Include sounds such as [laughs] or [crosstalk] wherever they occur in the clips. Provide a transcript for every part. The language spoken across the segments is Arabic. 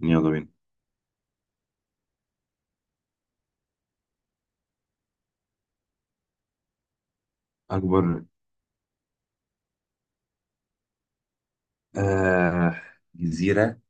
يلا بينا. أكبر. آه. جزيرة.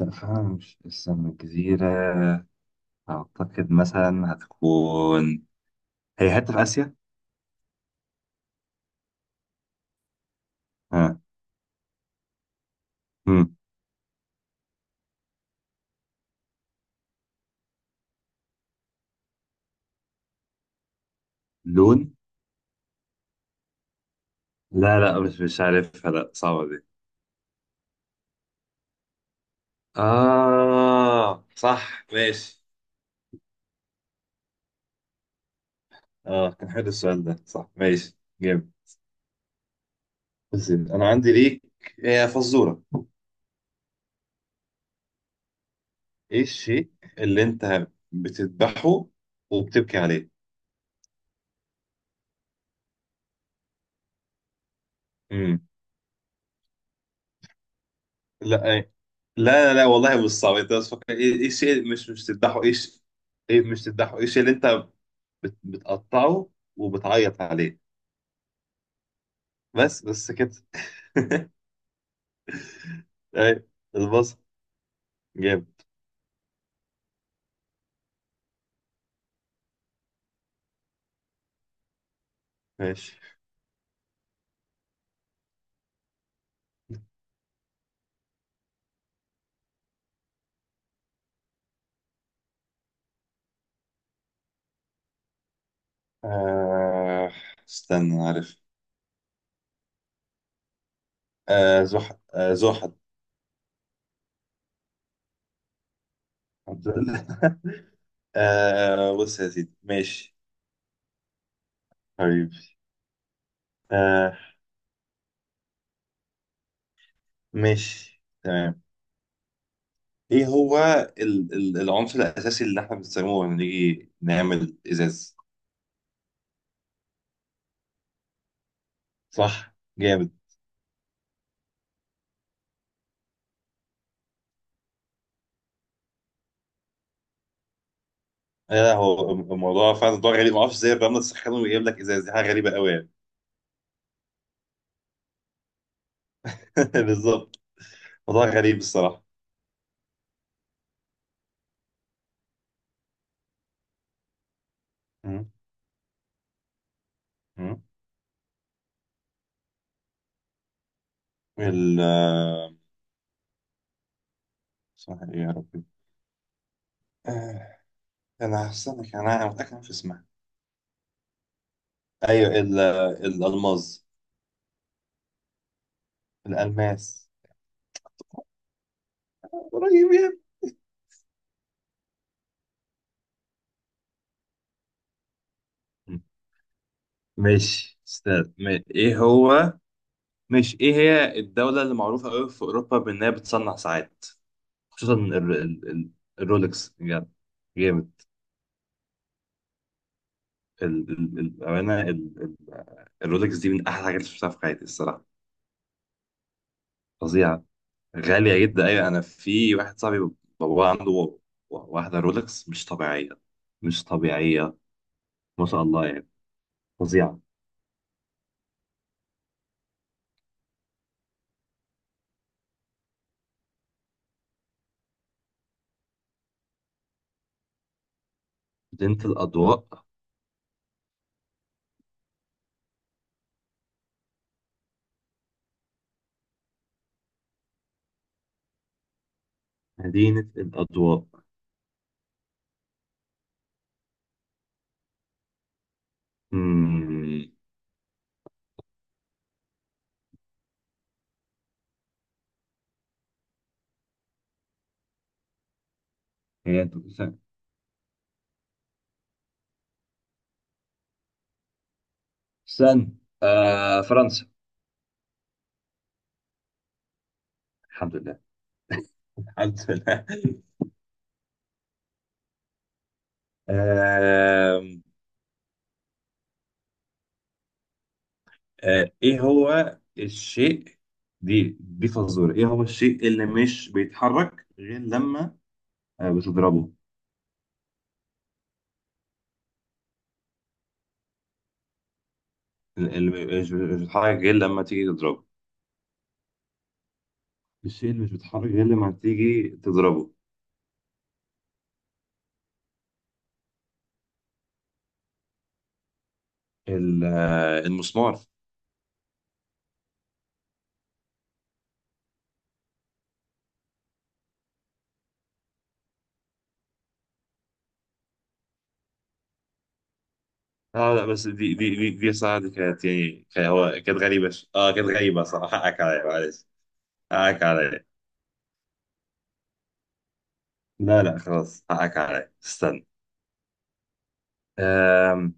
لا، فعلا مش استنى جزيرة. أعتقد مثلا هتكون هي حتة في آسيا. ها. مم. لون. لا، لا، مش عارفها، لا، صعبة دي. آه، صح، ماشي. آه، كان حلو السؤال ده، صح، ماشي، جامد. بس أنا عندي ليك، هي فزورة. إيه الشيء اللي أنت بتذبحه وبتبكي عليه؟ مم. لا، لا، لا، لا، والله مش صعب، انت بس فكر، ايه الشيء مش تذبحه، ايه ايه، مش تذبحه، ايه الشيء اللي انت بتقطعه وبتعيط عليه؟ بس بس كده. [laughs] ايه، البصل. جامد. ماشي، آه استنى، عارف. آه، زحل، آه، زحل. [laughs] آه، بص يا سيدي، ماشي. حبيبي، آه ماشي، تمام. ايه هو العنصر الاساسي اللي احنا بنستخدمه لما نيجي نعمل ازاز؟ صح، جامد. هو الموضوع فعلا موضوع غريب. ما اعرفش ازاي الرمله تسخنه ويجيب لك ازاز، دي حاجه غريبه قوي يعني. [laughs] بالظبط. موضوع غريب الصراحه. مم. مم. ال آه، اسمها ايه يا ربي؟ آه، انا هستنى. أنا متاكد إن في اسمها. ايوه، الالماس. الالماس. قريب يعني. مم. ماشي استاذ، ايه هو مش ايه هي الدوله اللي معروفه قوي في اوروبا بانها بتصنع ساعات؟ خصوصا الرولكس يعني. جامد. الأمانة، ال- الرولكس دي من أحلى الحاجات اللي شفتها في حياتي الصراحة. فظيعة. غالية جدا، أيوة، أنا في واحد صاحبي بابا عنده واحدة رولكس مش طبيعية. مش طبيعية. ما شاء الله يعني. فظيعة. مدينة الأضواء. مدينة الأضواء. مم. هي سن آه فرنسا. الحمد لله. الحمد لله. آه ايه هو الشيء. دي فزورة، ايه هو الشيء اللي مش بيتحرك غير لما بتضربه؟ اللي مش بيتحرك غير لما تيجي تضربه. الشيء اللي مش بيتحرك غير لما تيجي تضربه. المسمار. اه، لا بس دي صراحة، دي كانت يعني هو كانت غريبة، كانت غريبة صراحة، حقك عليا معلش. حقك عليا. لا، لا، خلاص، حقك عليا، استنى. آم،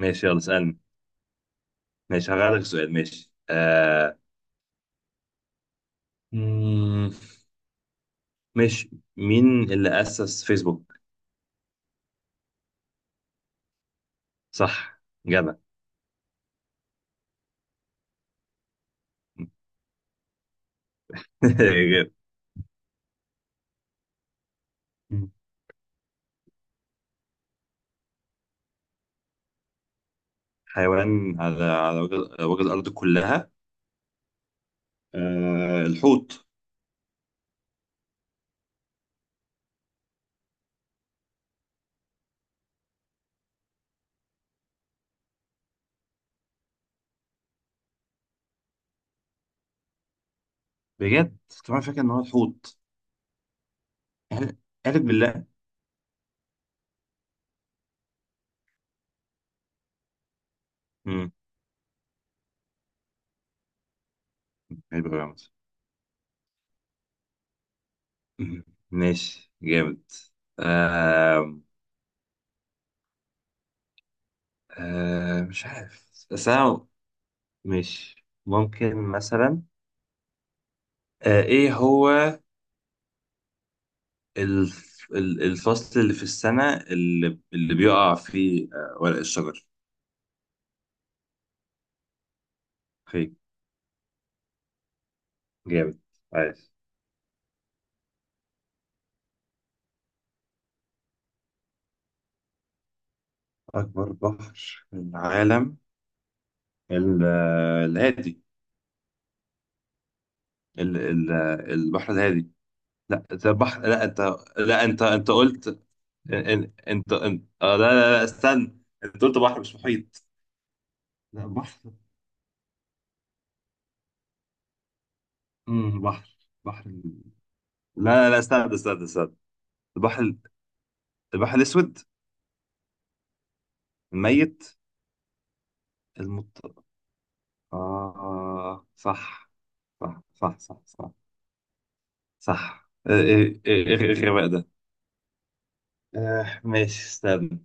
ماشي، يلا اسألني. ماشي، هغير لك سؤال، ماشي. آه، ماشي. مين اللي أسس فيسبوك؟ صح. جدع. [laughs] مم. حيوان على وجه الأرض كلها. آه، الحوت. بجد. كمان فاكر إن هو الحوت. قالب بالله. مم. غريب أوي يا عمر. مم. ماشي، جامد. آه مش عارف بس أنا ماشي، ممكن مثلا. إيه هو الفصل اللي في السنة اللي بيقع فيه ورق الشجر؟ جامد. عايز. أكبر بحر في العالم، ال- الهادي، ال- ال- البحر الهادي. لا انت بحر، لا انت. لا، انت قلت. ان- ان- انت انت آه لا، لا، لا، استنى، انت قلت بحر مش محيط. لا بحر. بحر. بحر لا، لا، لا، استنى، استنى، استنى. البحر البحر الاسود. الميت. المط اه، صح صح. صح، صح، صح، صح، ايه ايه إيه إيه الغباء ده؟ ماشي، استنى.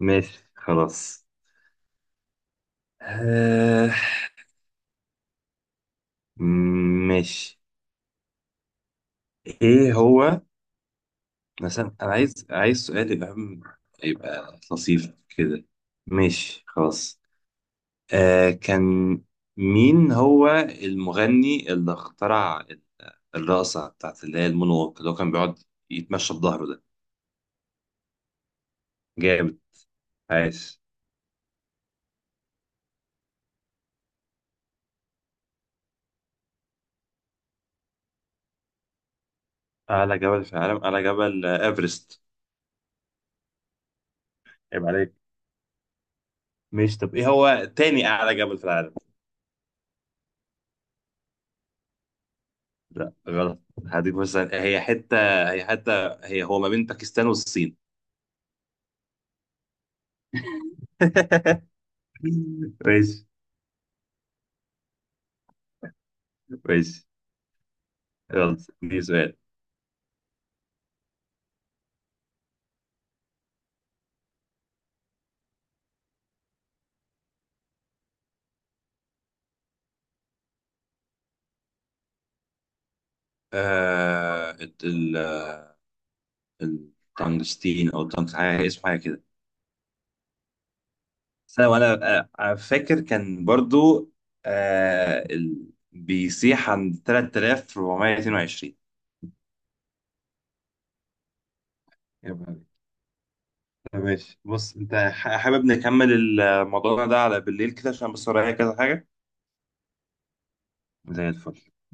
ماشي، خلاص. آه ماشي. ايه هو مثلا، انا عايز، سؤال يبقى يبقى لطيف كده. ماشي، خلاص. كان. مين هو المغني اللي اخترع الرقصة بتاعت اللي هي المونوك، اللي هو كان بيقعد يتمشى بظهره ده؟ جامد. عايش. أعلى جبل في العالم، أعلى جبل، إيفرست. عيب عليك. ماشي، طب إيه هو تاني أعلى جبل في العالم؟ لا، غلط. هديك مثلا، هي حتة، هو ما بين باكستان والصين. [laughs] ماشي، ماشي، يلا، دي سؤال. آه الت- ال ال- التنجستين او التنجستين، حاجة اسمه حاجة كده. سنة وانا، فاكر كان برضو. آه ال... بيسيح عند 3422. يا بابا. طب ماشي، بص انت حابب نكمل الموضوع ده على بالليل كده، عشان بس ورايا كذا حاجة. زي الفل.